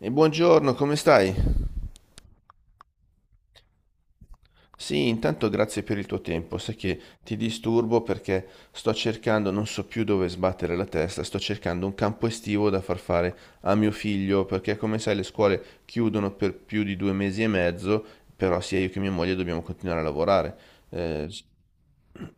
E buongiorno, come stai? Sì, intanto grazie per il tuo tempo. Sai che ti disturbo perché sto cercando, non so più dove sbattere la testa, sto cercando un campo estivo da far fare a mio figlio, perché come sai le scuole chiudono per più di 2 mesi e mezzo, però sia io che mia moglie dobbiamo continuare a lavorare. Eh, s-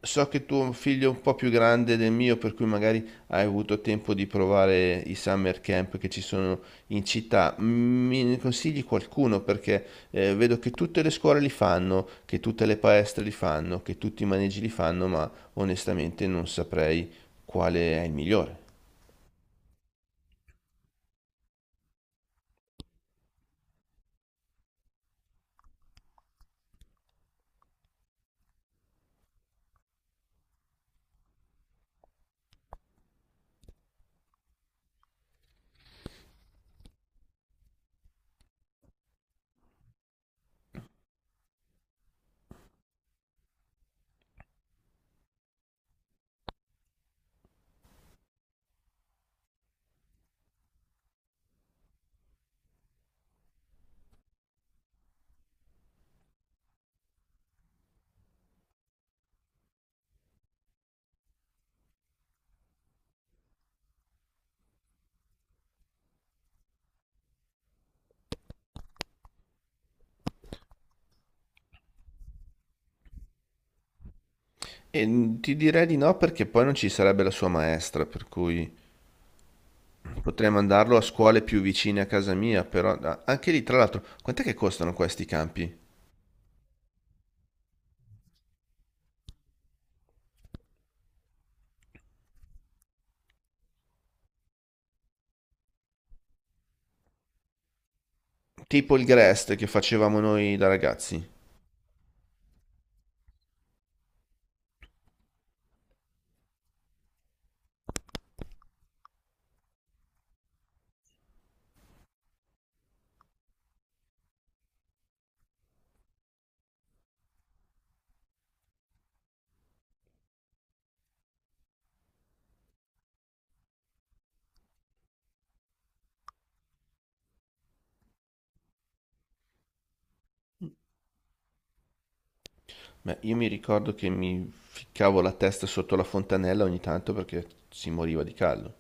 so che tuo figlio è un po' più grande del mio, per cui magari hai avuto tempo di provare i summer camp che ci sono in città. Mi consigli qualcuno, perché vedo che tutte le scuole li fanno, che tutte le palestre li fanno, che tutti i maneggi li fanno, ma onestamente non saprei quale è il migliore. Ti direi di no, perché poi non ci sarebbe la sua maestra, per cui potrei mandarlo a scuole più vicine a casa mia, però anche lì, tra l'altro, quant'è che costano questi campi? Tipo il Grest che facevamo noi da ragazzi. Beh, io mi ricordo che mi ficcavo la testa sotto la fontanella ogni tanto perché si moriva di caldo.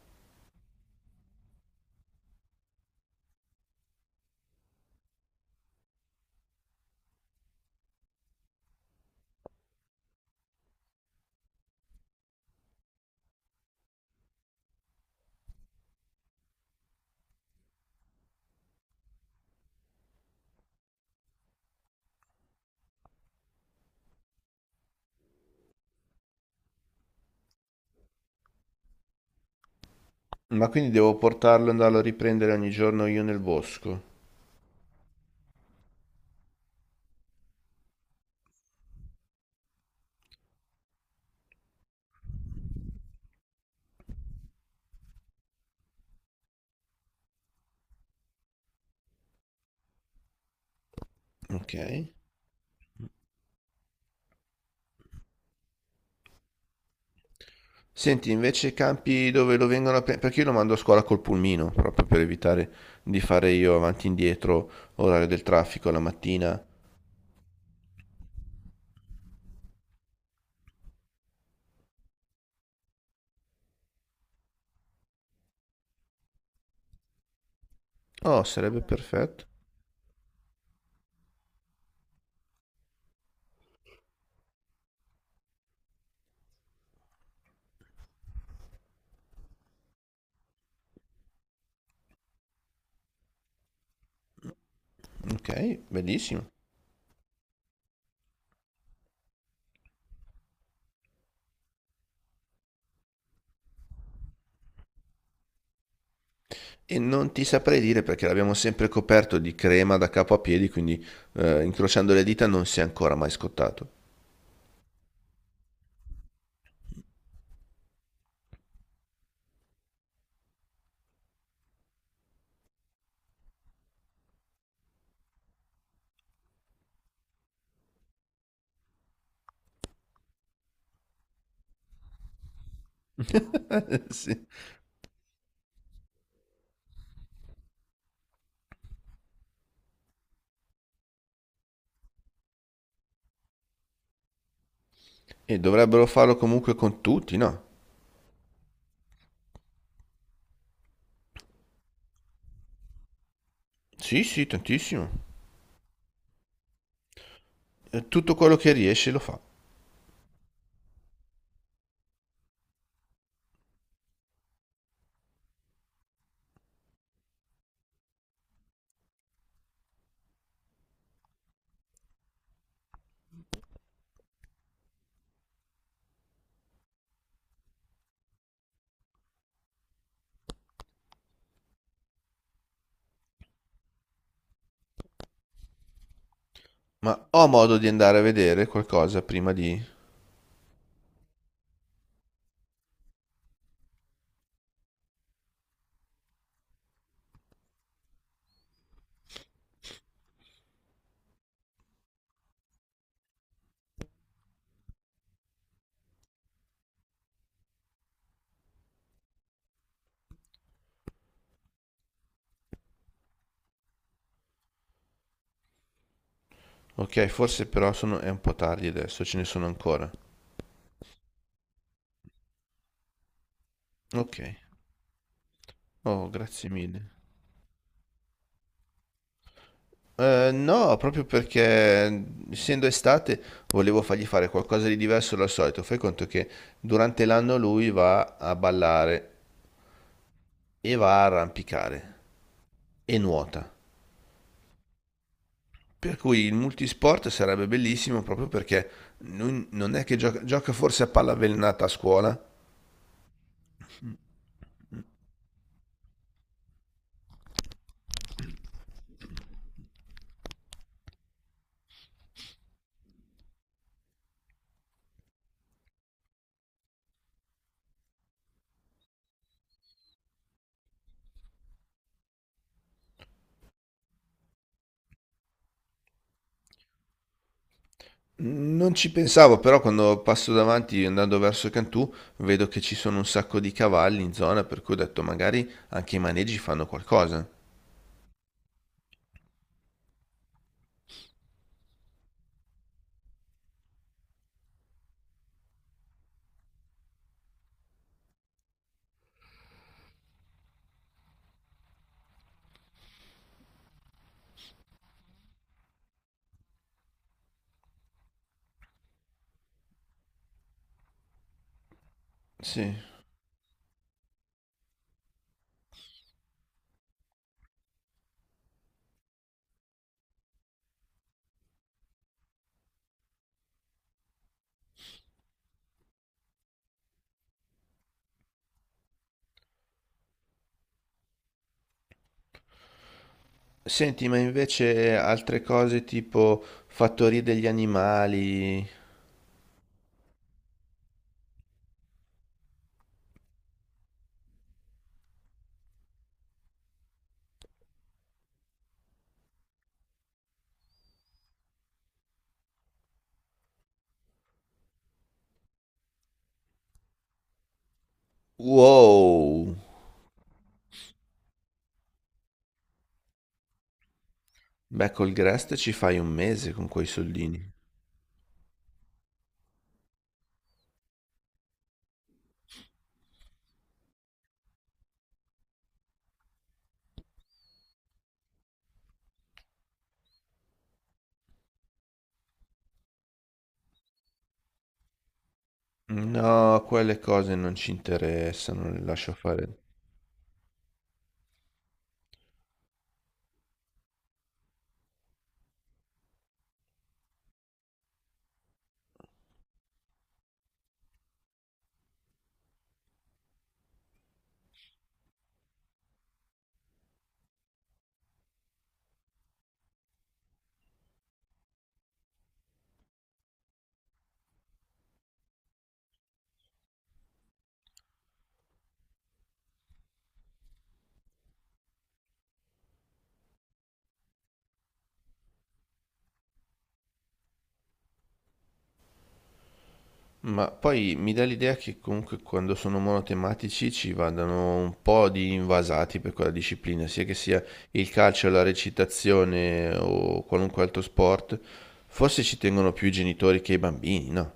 Ma quindi devo portarlo e andarlo a riprendere ogni giorno io nel bosco? Ok. Senti, invece campi dove lo vengono a prendere, perché io lo mando a scuola col pulmino, proprio per evitare di fare io avanti e indietro, orario del traffico la mattina. Oh, sarebbe perfetto. Ok, bellissimo. E non ti saprei dire perché l'abbiamo sempre coperto di crema da capo a piedi, quindi incrociando le dita non si è ancora mai scottato. Sì. E dovrebbero farlo comunque con tutti, no? Sì, sì, tantissimo. Tutto quello che riesce lo fa. Ma ho modo di andare a vedere qualcosa prima di... Ok, forse però sono... è un po' tardi adesso, ce ne sono ancora? Ok. Oh, grazie mille. No, proprio perché essendo estate volevo fargli fare qualcosa di diverso dal solito. Fai conto che durante l'anno lui va a ballare e va a arrampicare e nuota. Per cui il multisport sarebbe bellissimo, proprio perché non è che gioca, gioca forse a palla avvelenata a scuola? Non ci pensavo, però quando passo davanti andando verso Cantù vedo che ci sono un sacco di cavalli in zona, per cui ho detto magari anche i maneggi fanno qualcosa. Sì. Senti, ma invece altre cose tipo fattorie degli animali? Wow! Beh, col Grest ci fai un mese con quei soldini. No, quelle cose non ci interessano, le lascio fare. Ma poi mi dà l'idea che comunque quando sono monotematici ci vadano un po' di invasati per quella disciplina, sia che sia il calcio, la recitazione o qualunque altro sport. Forse ci tengono più i genitori che i bambini, no?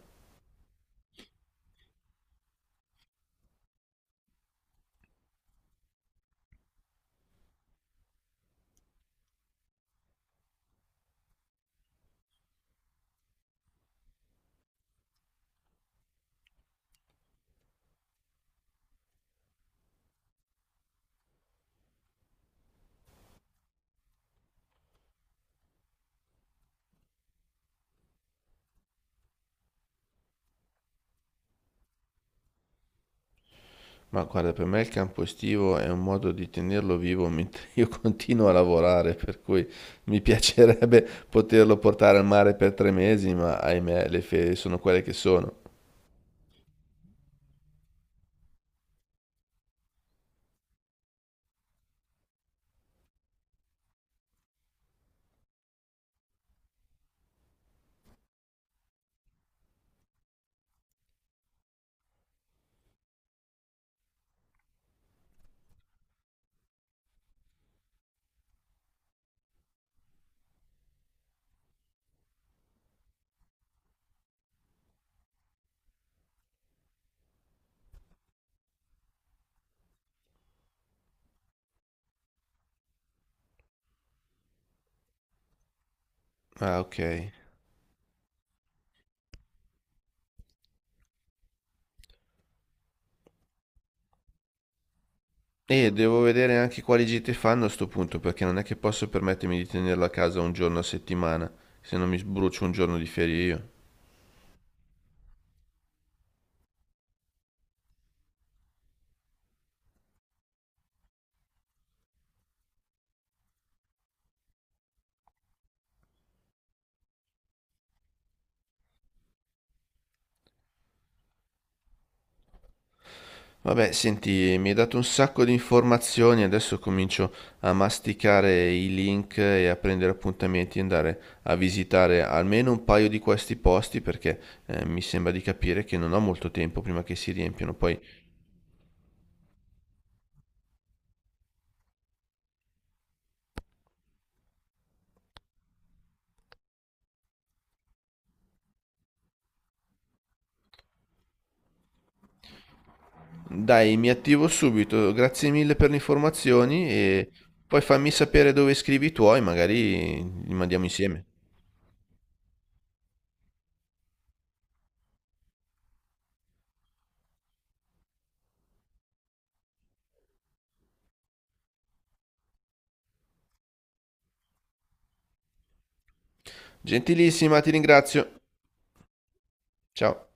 Ma guarda, per me il campo estivo è un modo di tenerlo vivo mentre io continuo a lavorare, per cui mi piacerebbe poterlo portare al mare per 3 mesi, ma ahimè, le ferie sono quelle che sono. Ah, ok. E devo vedere anche quali gite fanno a sto punto, perché non è che posso permettermi di tenerlo a casa un giorno a settimana, se non mi sbrucio un giorno di ferie io. Vabbè, senti, mi hai dato un sacco di informazioni, adesso comincio a masticare i link e a prendere appuntamenti e andare a visitare almeno un paio di questi posti, perché mi sembra di capire che non ho molto tempo prima che si riempiano, poi dai, mi attivo subito. Grazie mille per le informazioni, e poi fammi sapere dove scrivi i tuoi, magari li mandiamo insieme. Gentilissima, ti ringrazio. Ciao.